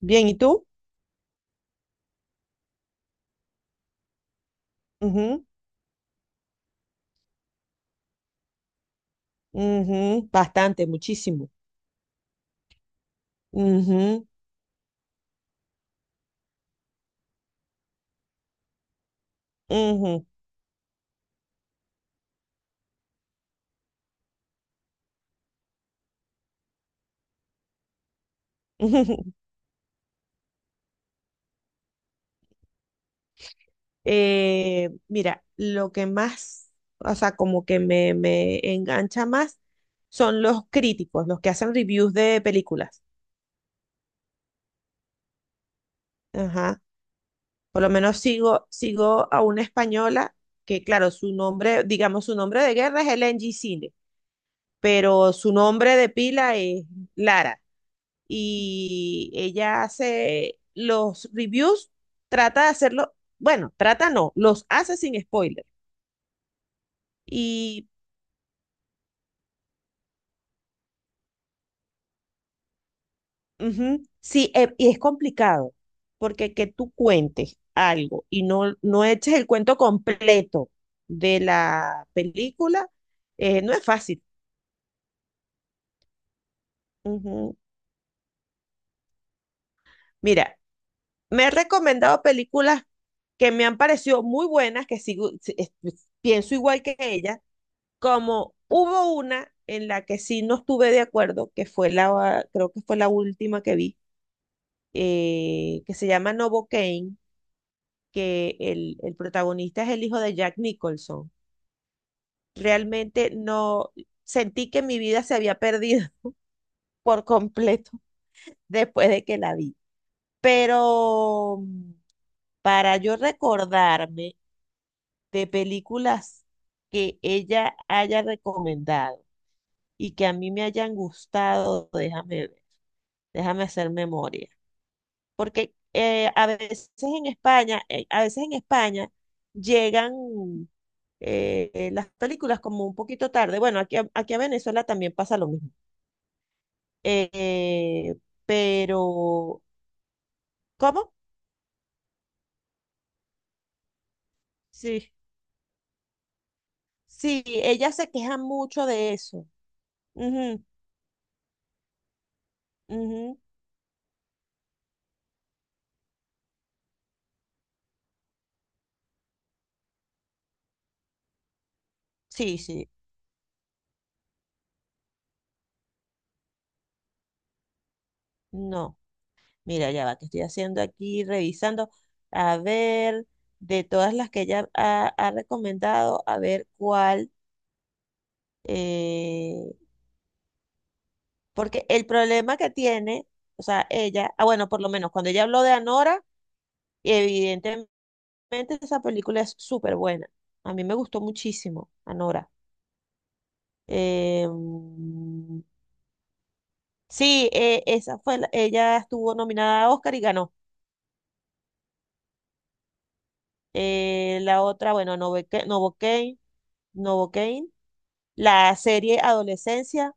Bien, ¿y tú? Ujú, ujú, bastante, muchísimo. Ujú, ujú, mira, lo que más, o sea, como que me engancha más son los críticos, los que hacen reviews de películas. Ajá. Por lo menos sigo a una española que, claro, su nombre de guerra es LNG Cine, pero su nombre de pila es Lara. Y ella hace los reviews, trata de hacerlo, bueno, trata no, los hace sin spoiler. Y ujú, sí, y es complicado, porque que tú cuentes algo y no eches el cuento completo de la película, no es fácil. Ujú. Mira, me he recomendado películas que me han parecido muy buenas, que sigo, pienso igual que ella, como hubo una en la que sí no estuve de acuerdo, que fue la, creo que fue la última que vi, que se llama Novocaine, que el protagonista es el hijo de Jack Nicholson. Realmente no sentí que mi vida se había perdido por completo después de que la vi. Pero para yo recordarme de películas que ella haya recomendado y que a mí me hayan gustado, déjame hacer memoria. Porque a veces en España llegan las películas como un poquito tarde. Bueno, aquí a Venezuela también pasa lo mismo. Eh, pero, ¿cómo? Sí, sí, ella se queja mucho de eso. Ujú, ujú. Sí, sí, no. Mira, ya va, que estoy haciendo aquí, revisando. A ver, de todas las que ella ha recomendado, a ver cuál. Eh, porque el problema que tiene, bueno, por lo menos cuando ella habló de Anora, evidentemente esa película es súper buena. A mí me gustó muchísimo, Anora. Eh, sí, esa fue, ella estuvo nominada a Oscar y ganó. La otra, bueno, Novocaine. La serie Adolescencia,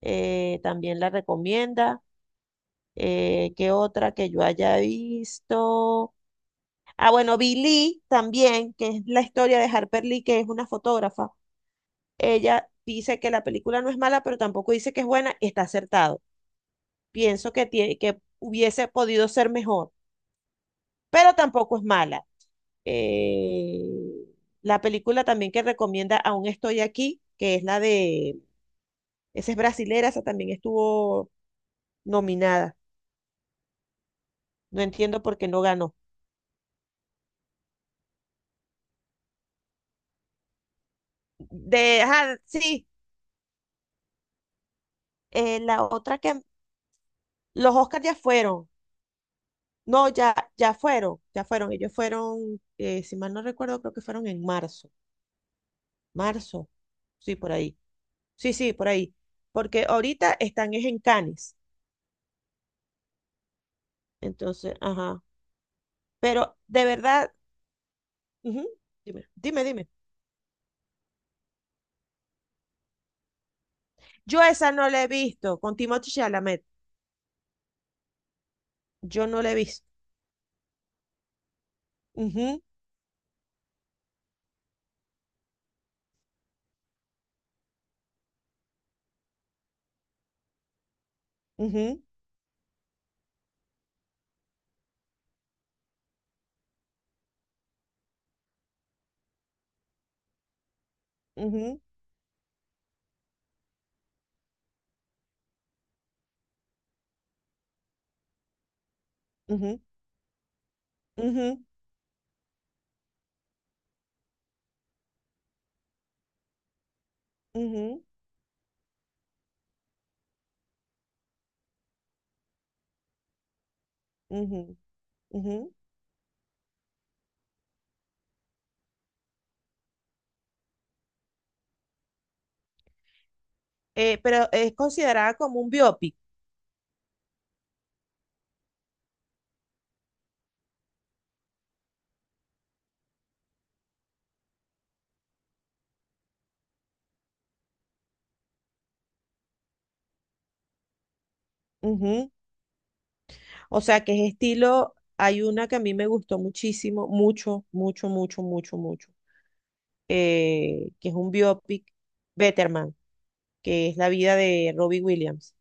también la recomienda. ¿Qué otra que yo haya visto? Ah, bueno, Billy también, que es la historia de Harper Lee, que es una fotógrafa. Ella dice que la película no es mala, pero tampoco dice que es buena, está acertado. Pienso que, que hubiese podido ser mejor, pero tampoco es mala. Eh, la película también que recomienda Aún estoy aquí, que es la de, esa es brasilera, esa también estuvo nominada. No entiendo por qué no ganó. De, ah, sí, la otra que los Oscars ya fueron. No, ya, ya fueron, ya fueron. Ellos fueron, si mal no recuerdo, creo que fueron en marzo. Marzo, sí, por ahí. Sí, sí, por ahí. Porque ahorita están es en Cannes. Entonces, ajá. Pero de verdad, ujú, dime, dime, dime. Yo esa no la he visto con Timothée Chalamet. Yo no la he visto. Ujú, ujú, ujú, ujú, ujú, ujú, ujú, ujú. Pero es considerada como un biopic. Ujú. O sea, que es estilo, hay una que a mí me gustó muchísimo, mucho, mucho, mucho, mucho, mucho, que es un biopic, Betterman, que es la vida de Robbie Williams.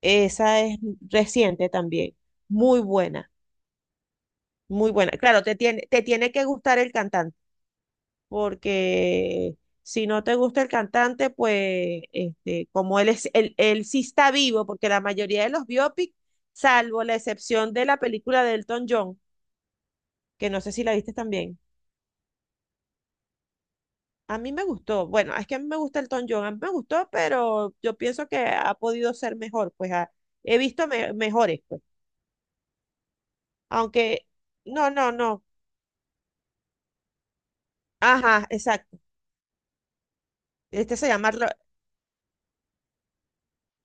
Esa es reciente también, muy buena, muy buena. Claro, te tiene que gustar el cantante, porque si no te gusta el cantante, pues este, como él es, él sí está vivo, porque la mayoría de los biopics, salvo la excepción de la película de Elton John, que no sé si la viste también. A mí me gustó, bueno, es que a mí me gusta el Tom John, a mí me gustó, pero yo pienso que ha podido ser mejor, he visto mejores, pues. Aunque, no, no, no, ajá, exacto. Este se llama, Ro-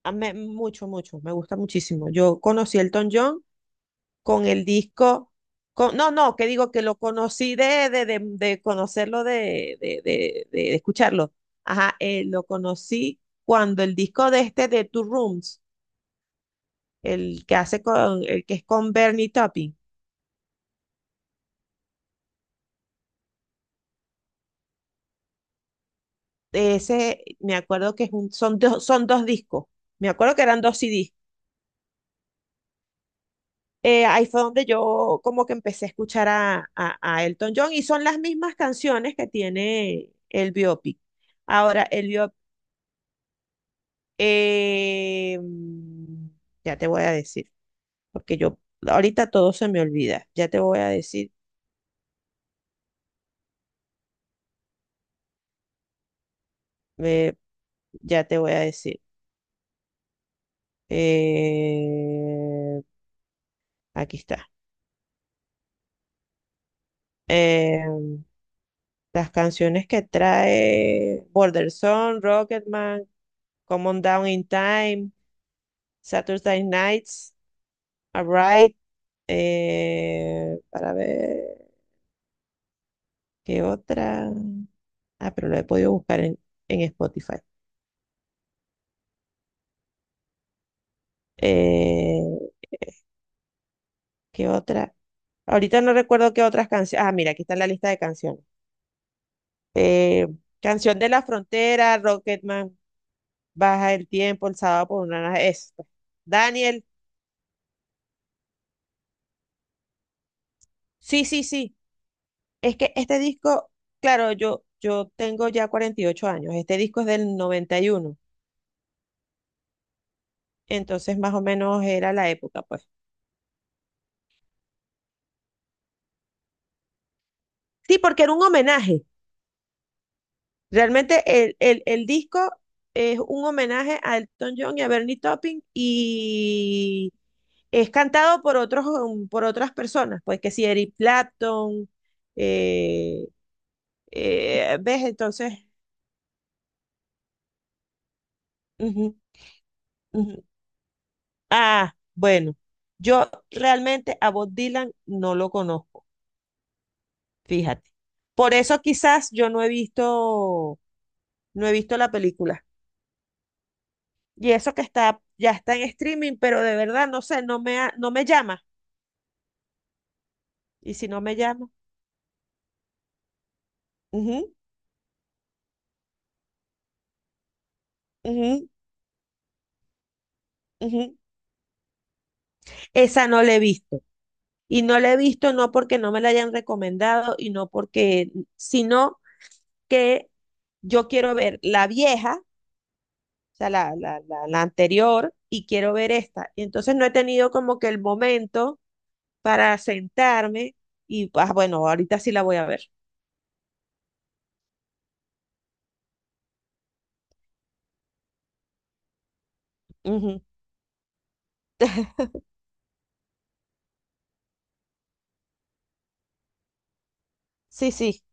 a me- mucho, mucho, me gusta muchísimo. Yo conocí el Tom John con el disco, con, no, no, que digo que lo conocí de conocerlo, de escucharlo. Ajá, lo conocí cuando el disco de Two Rooms, el que hace con, el que es con Bernie Taupin. Ese, me acuerdo que es son dos discos. Me acuerdo que eran dos CDs. Ahí fue donde yo como que empecé a escuchar a Elton John, y son las mismas canciones que tiene el biopic. Ahora, el biopic, eh, mm, ya te voy a decir, porque yo ahorita todo se me olvida. Ya te voy a decir, eh, ya te voy a decir. Eh, aquí está. Em, Las canciones que trae: Border Song, Rocketman, Come On Down in Time, Saturday Nights, Alright, para ver qué otra. Ah, pero lo he podido buscar en Spotify. Eh, ¿Qué otra? Ahorita no recuerdo qué otras canciones. Ah, mira, aquí está la lista de canciones. Eh, Canción de la Frontera, Rocketman, Baja el Tiempo, El Sábado por una... Es, pues, Daniel, sí, sí, sí. Es que este disco, claro, yo tengo ya 48 años, este disco es del 91, entonces más o menos era la época, pues. Sí, porque era un homenaje. Realmente el disco es un homenaje a Elton John y a Bernie Taupin, y es cantado por otros, por otras personas, pues que si Eric Clapton, eh, ¿ves? Entonces, ujú, ujú. Ah, bueno, yo realmente a Bob Dylan no lo conozco, fíjate. Por eso quizás yo no he visto, no he visto la película. Y eso que está, ya está en streaming, pero de verdad no sé, no me llama. Y si no me llama, ujú, ujú, ujú. Esa no la he visto. Y no la he visto no porque no me la hayan recomendado y no porque, sino que yo quiero ver la vieja, o sea, la anterior, y quiero ver esta. Y entonces no he tenido como que el momento para sentarme bueno, ahorita sí la voy a ver. Ujú. Sí, sí.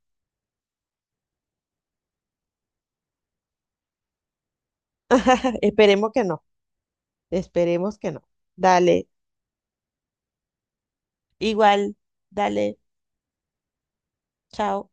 Esperemos que no. Esperemos que no. Dale. Igual. Dale. Chao.